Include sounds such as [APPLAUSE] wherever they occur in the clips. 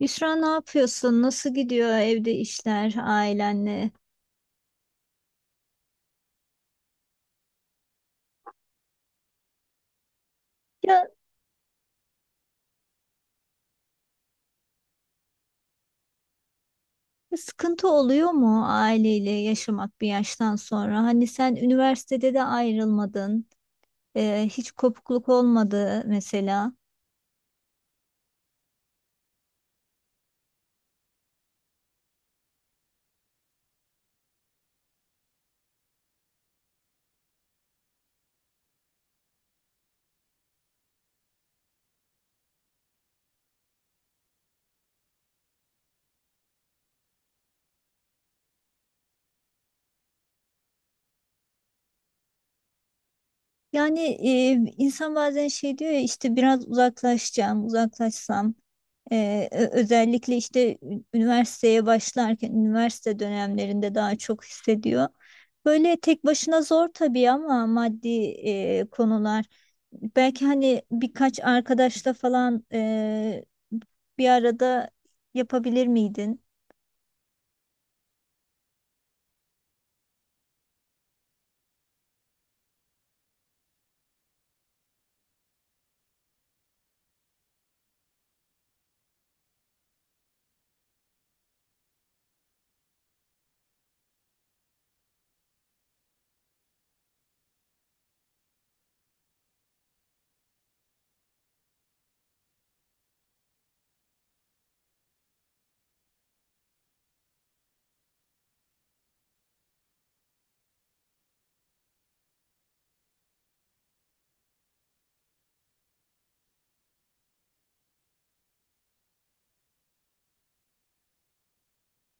Büşra ne yapıyorsun? Nasıl gidiyor evde işler ailenle? Ya sıkıntı oluyor mu aileyle yaşamak bir yaştan sonra? Hani sen üniversitede de ayrılmadın, hiç kopukluk olmadı mesela. Yani insan bazen şey diyor ya işte biraz uzaklaşacağım, uzaklaşsam. Özellikle işte üniversiteye başlarken üniversite dönemlerinde daha çok hissediyor. Böyle tek başına zor tabii ama maddi konular. Belki hani birkaç arkadaşla falan bir arada yapabilir miydin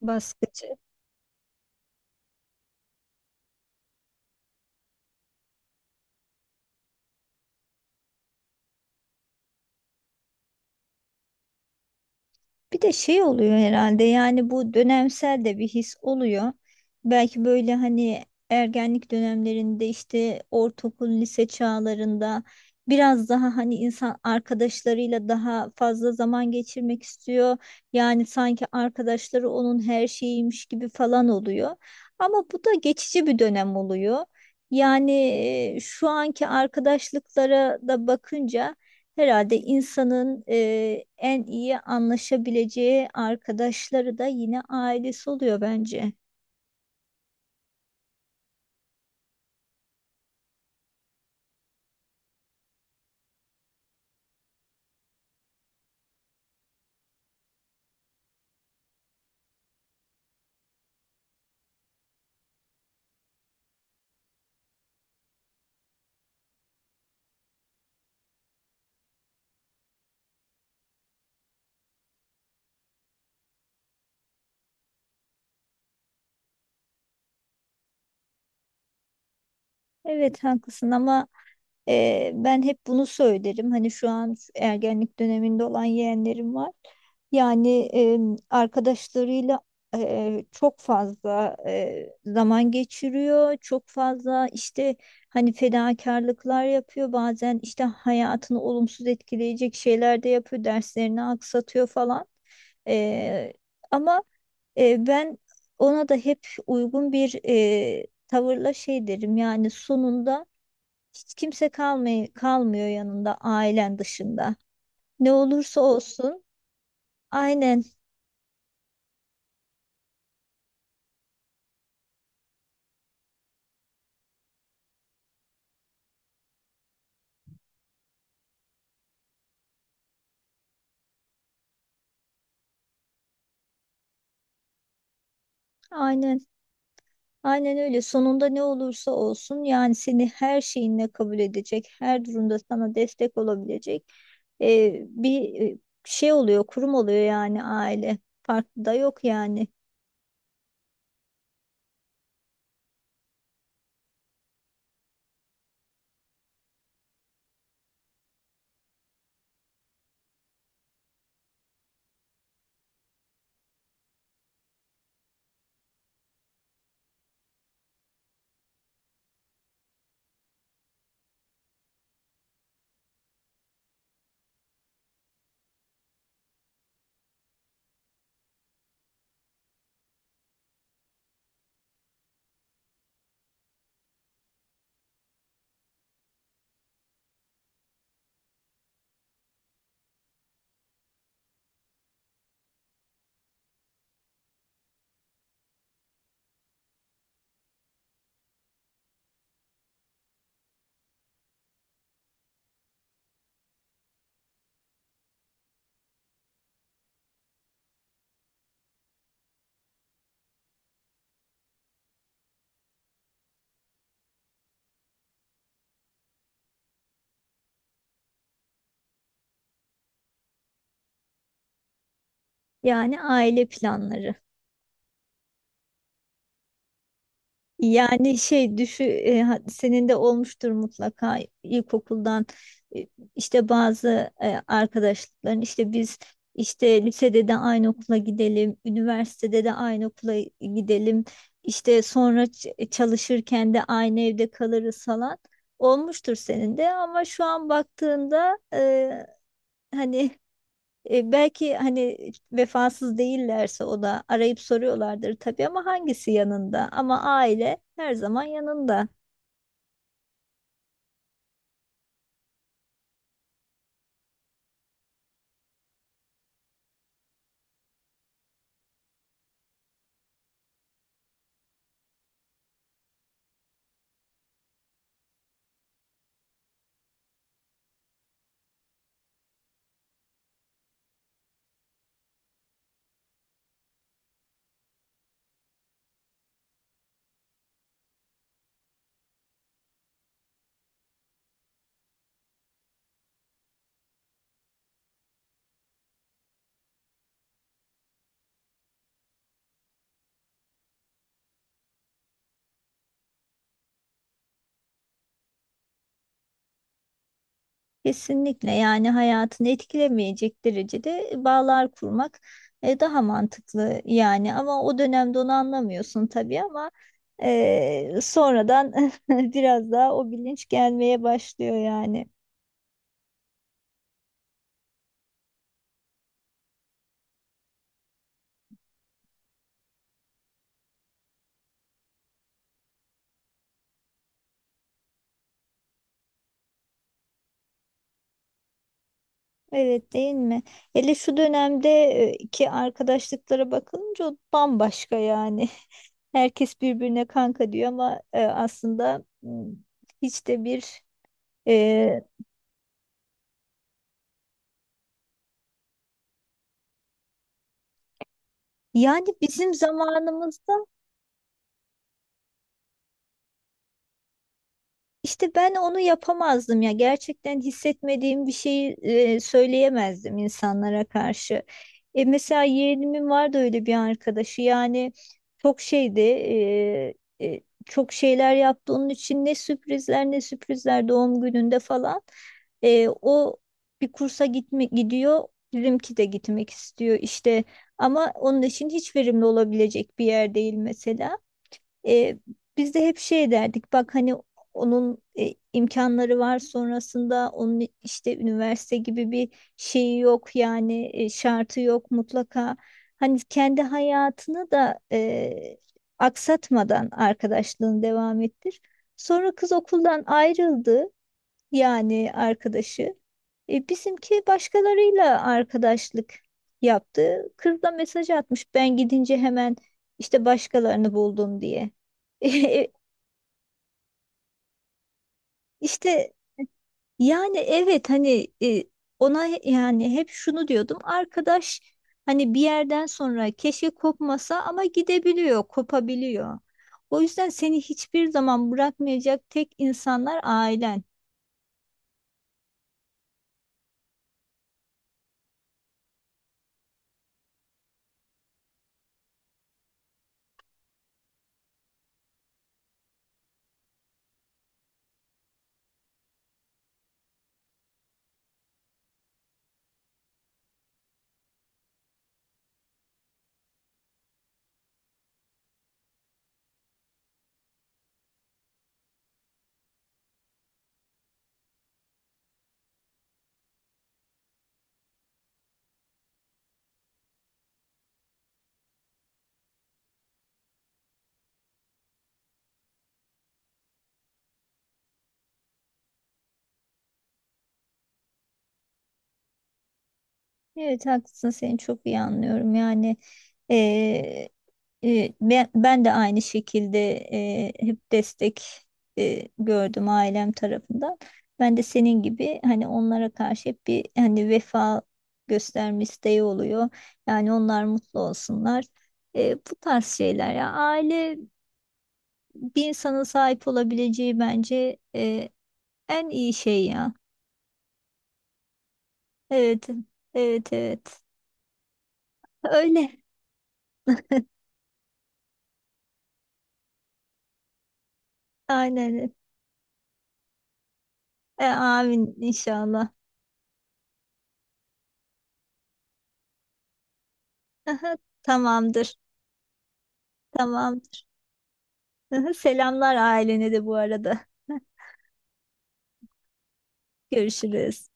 baskı? Bir de şey oluyor herhalde, yani bu dönemsel de bir his oluyor. Belki böyle hani ergenlik dönemlerinde işte ortaokul, lise çağlarında biraz daha hani insan arkadaşlarıyla daha fazla zaman geçirmek istiyor. Yani sanki arkadaşları onun her şeyiymiş gibi falan oluyor. Ama bu da geçici bir dönem oluyor. Yani şu anki arkadaşlıklara da bakınca herhalde insanın en iyi anlaşabileceği arkadaşları da yine ailesi oluyor bence. Evet, haklısın, ama ben hep bunu söylerim. Hani şu an şu ergenlik döneminde olan yeğenlerim var. Yani arkadaşlarıyla çok fazla zaman geçiriyor. Çok fazla işte hani fedakarlıklar yapıyor. Bazen işte hayatını olumsuz etkileyecek şeyler de yapıyor. Derslerini aksatıyor falan. Ee, ama ben ona da hep uygun bir tavırla şey derim. Yani sonunda hiç kimse kalmıyor yanında ailen dışında. Ne olursa olsun. Aynen, aynen, aynen öyle, sonunda ne olursa olsun yani seni her şeyinle kabul edecek, her durumda sana destek olabilecek e, bir e, şey oluyor, kurum oluyor yani, aile, farklı da yok yani. Yani aile planları. Yani senin de olmuştur mutlaka ilkokuldan e, işte bazı arkadaşlıkların, işte biz işte lisede de aynı okula gidelim, üniversitede de aynı okula gidelim, işte sonra çalışırken de aynı evde kalırız falan, olmuştur senin de, ama şu an baktığında hani [LAUGHS] belki hani vefasız değillerse o da arayıp soruyorlardır tabii, ama hangisi yanında? Ama aile her zaman yanında. Kesinlikle, yani hayatını etkilemeyecek derecede bağlar kurmak daha mantıklı yani, ama o dönemde onu anlamıyorsun tabii, ama sonradan [LAUGHS] biraz daha o bilinç gelmeye başlıyor yani. Evet, değil mi? Hele şu dönemde ki arkadaşlıklara bakılınca o bambaşka yani. Herkes birbirine kanka diyor ama aslında hiç de bir e, yani bizim zamanımızda İşte ben onu yapamazdım ya. Gerçekten hissetmediğim bir şeyi söyleyemezdim insanlara karşı. Mesela yeğenimin vardı öyle bir arkadaşı. Yani çok şeydi, e, çok şeyler yaptı onun için, ne sürprizler, ne sürprizler doğum gününde falan. O bir kursa gitme gidiyor. Bizimki de gitmek istiyor işte, ama onun için hiç verimli olabilecek bir yer değil mesela. E, Biz de hep şey derdik, bak hani onun imkanları var sonrasında, onun işte üniversite gibi bir şeyi yok yani, şartı yok, mutlaka hani kendi hayatını da aksatmadan arkadaşlığını devam ettir. Sonra kız okuldan ayrıldı, yani arkadaşı. Bizimki başkalarıyla arkadaşlık yaptı. Kız da mesaj atmış ben gidince hemen işte başkalarını buldum diye. [LAUGHS] E, işte yani evet, hani ona yani hep şunu diyordum, arkadaş hani bir yerden sonra keşke kopmasa, ama gidebiliyor, kopabiliyor. O yüzden seni hiçbir zaman bırakmayacak tek insanlar ailen. Evet, haklısın, seni çok iyi anlıyorum yani. eee, ben de aynı şekilde hep destek gördüm ailem tarafından. Ben de senin gibi hani onlara karşı hep bir hani vefa gösterme isteği oluyor. Yani onlar mutlu olsunlar. Bu tarz şeyler ya, aile bir insanın sahip olabileceği bence en iyi şey ya. Evet, evet, evet, öyle, aynen. Amin, inşallah. Aha, tamamdır. Tamamdır. Aha, selamlar ailene de bu arada. [LAUGHS] Görüşürüz.